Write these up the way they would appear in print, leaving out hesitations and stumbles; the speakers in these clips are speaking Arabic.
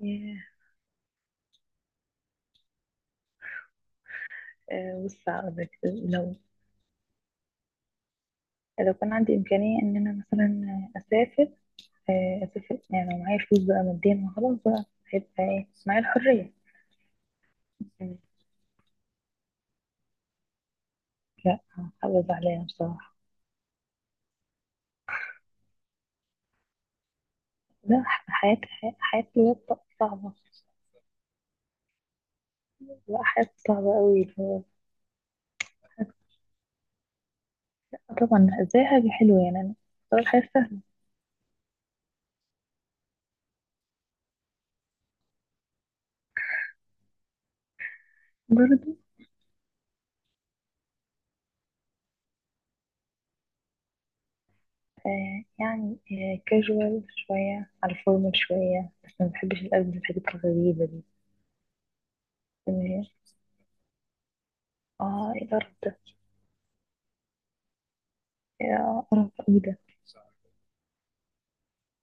ياه. بص هقول لك. لو لو كان عندي إمكانية إن أنا مثلا أسافر، أسافر يعني لو معايا فلوس بقى ماديا وخلاص بقى. هيبقى إيه معايا الحرية؟ م. لا هحافظ عليها بصراحة. لا حياة الولاد صعبة. لا حياة صعبة قوي اللي هو طبعا زي حاجة حلوة يعني أنا بختار الحياة سهلة. برضه آه يعني آه، كاجوال شوية على الفورمال شوية، بس ما بحبش الألبس الحاجات الغريبة دي. إن هي- اه إدارة. يا قرف ايه ده؟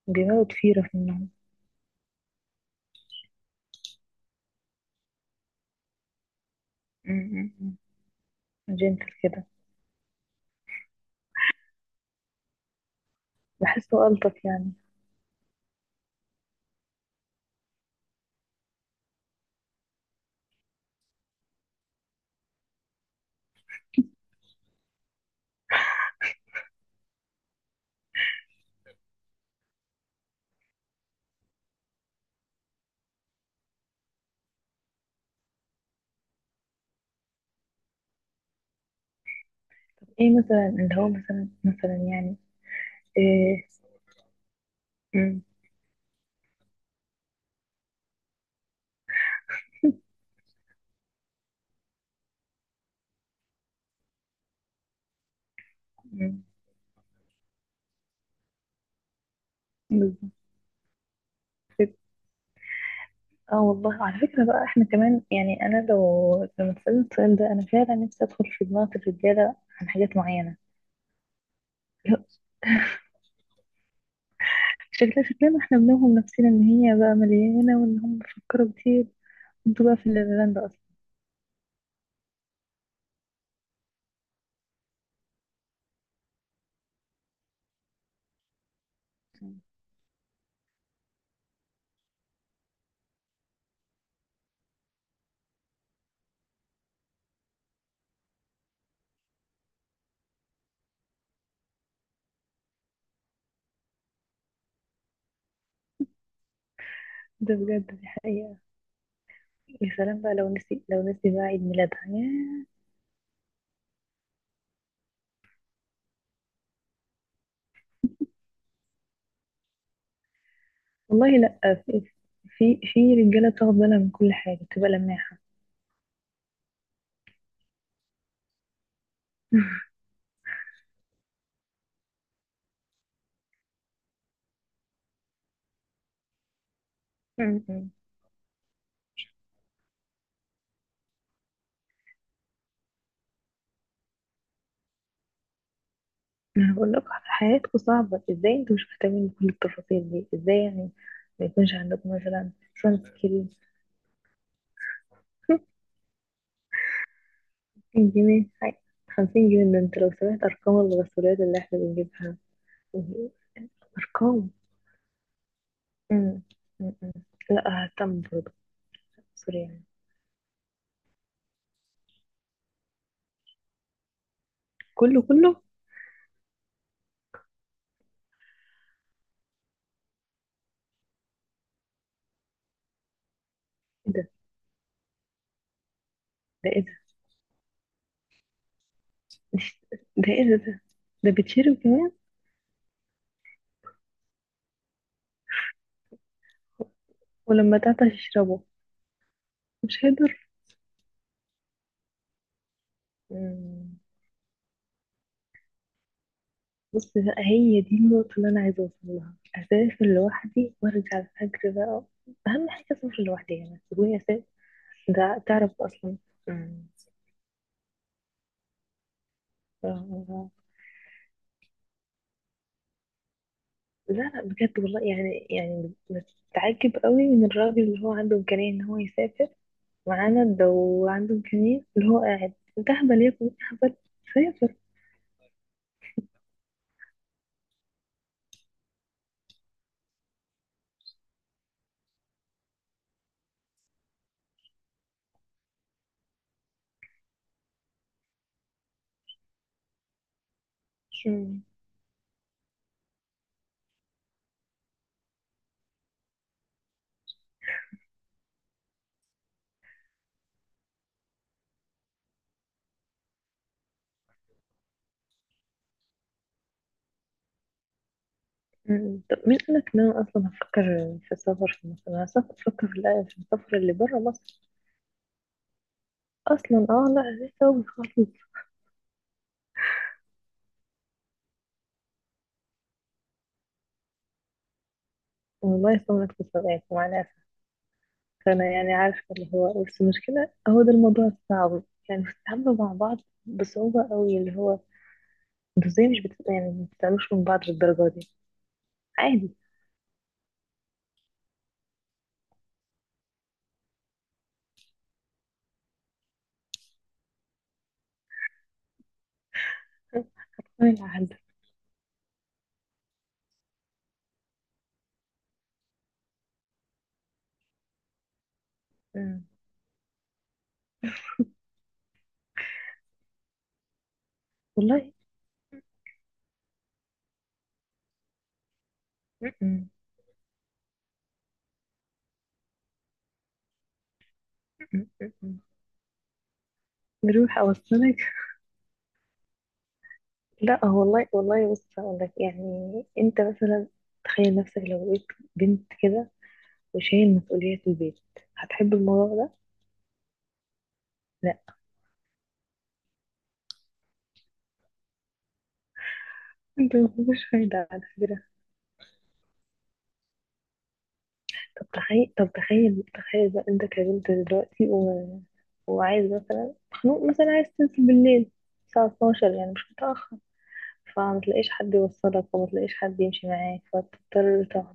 بيموت فيرة في النوم. م. جنتل كده. بحسه ألطف يعني. ايه مثلا اللي هو مثلا يعني؟ ايه. م- م. بالظبط كده. اه والله على فكرة بقى، احنا كمان يعني انا لو لما اتسألت السؤال ده، انا فعلا نفسي ادخل في دماغ الرجالة عن حاجات معينة. لا، شكلها شكلنا احنا بنوهم نفسنا ان هي بقى مليانة وان هم بيفكروا كتير. انتوا بقى في الليلاند اصلا. ده بجد، دي حقيقة. يا سلام بقى، لو نسي بقى عيد ميلادها، ياه. والله لا، في في رجاله بتاخد بالها من كل حاجه، بتبقى لماحه. م- م. انا بقول لك حياتكم صعبه ازاي، انتوا مش مهتمين بكل التفاصيل دي ازاي يعني؟ ما يكونش عندكم مثلا سان سكرين. 50 جنيه حاجة. 50 جنيه ده، انت لو سمعت ارقام الغسولات اللي احنا بنجيبها. ارقام. م- م. لا اهتم برضه. سوري يعني. كله كله ايه ده ده ده ايه ده؟ ده بتشرب كمان. ولما تعطش اشربه. مش هيضر. مم. بص بقى، هي دي النقطة اللي أنا عايزة أوصل لها. أسافر لوحدي وأرجع الفجر بقى. أهم حاجة أسافر لوحدي، يعني تقولي أسافر. ده تعرف أصلا. مم. ف- لا لا بجد والله، يعني يعني بتعجب قوي من الراجل اللي هو عنده إمكانية إن هو يسافر معانا ده، وعنده إمكانية اللي هو قاعد. أنت أهبل يا ابني، أهبل. سافر. مم. مم. طب مين قال لك ان انا اصلا هفكر في السفر في مصر؟ انا اصلا كنت بفكر في في السفر اللي بره مصر. اصلا اه، لا لسه هو خالص. والله يصونك في الصداقة مع الاسف. فانا يعني عارفه اللي هو، بس المشكله هو ده الموضوع الصعب، يعني بتتعاملوا مع بعض بصعوبه قوي اللي هو انتوا ازاي مش بت... يعني ما بتتعاملوش من بعض للدرجه دي عادي؟ كفاية العهد. مم. والله. مم. مم. مم. مم. نروح اوصلك. لا والله والله، بص هقول لك، يعني انت مثلا تخيل نفسك لو بقيت بنت كده وشايل مسؤولية البيت، هتحب الموضوع ده؟ لا، انت مفيش فايدة على فكرة. طب تخيل تخيل بقى انت كبنت دلوقتي، و... وعايز مثلا، مخنوق مثلا عايز تنزل بالليل الساعة 12 يعني مش متأخر، فما تلاقيش حد يوصلك وما تلاقيش حد يمشي معاك فتضطر تقعد.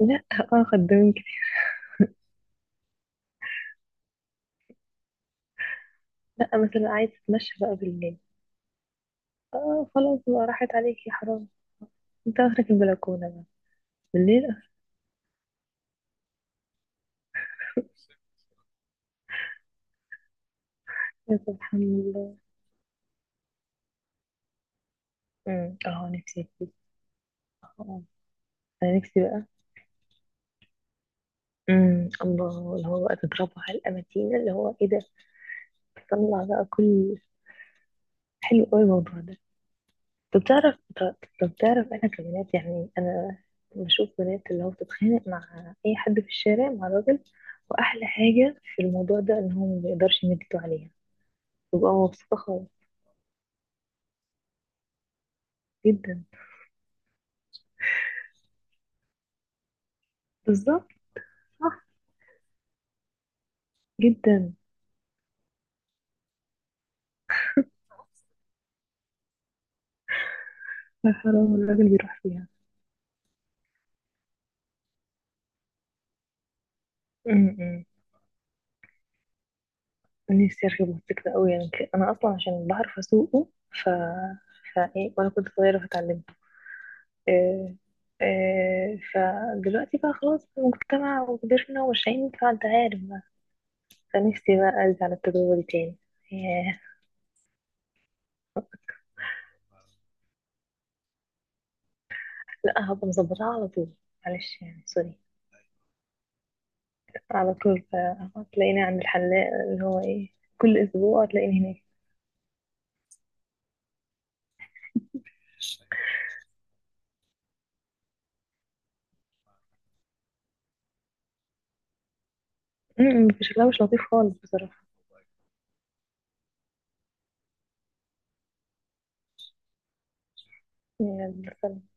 لا. اه خدامين كتير. لا مثلا عايز تتمشى بقى بالليل. اه خلاص بقى راحت عليك يا حرام. انت اخرك البلكونة بقى بالليل. اخرك سبحان الله. اه، نفسي فيه. اه. انا نفسي بقى الله، اللي هو بقى تضربه على الاماتين، اللي هو ايه ده. تطلع بقى كل، حلو قوي الموضوع ده. طب طب تعرف انا كبنات يعني، انا بشوف بنات اللي هو بتتخانق مع اي حد في الشارع مع راجل، واحلى حاجة في الموضوع ده ان هو ما بيقدرش يمد ايده عليها. ببقى مبسوطة خالص، جدا. بالظبط. صح. جدا. يا حرام الراجل بيروح فيها. امم. نفسي اركب موتوسيكل قوي يعني، انا اصلا عشان بعرف اسوقه، ف فايه وانا كنت صغيره فاتعلمت. إيه... فدلوقتي بقى خلاص في المجتمع وكبرنا وماشيين، فانت عارف بقى. فنفسي بقى ارجع للتجربه دي تاني. ياه. لا هبقى مظبطها على طول. معلش يعني، سوري. على طول بقى تلاقيني عند الحلاق اللي هو ايه، كل اسبوع تلاقيني هناك. م، شكلها مش لطيف خالص بصراحه. يعني بس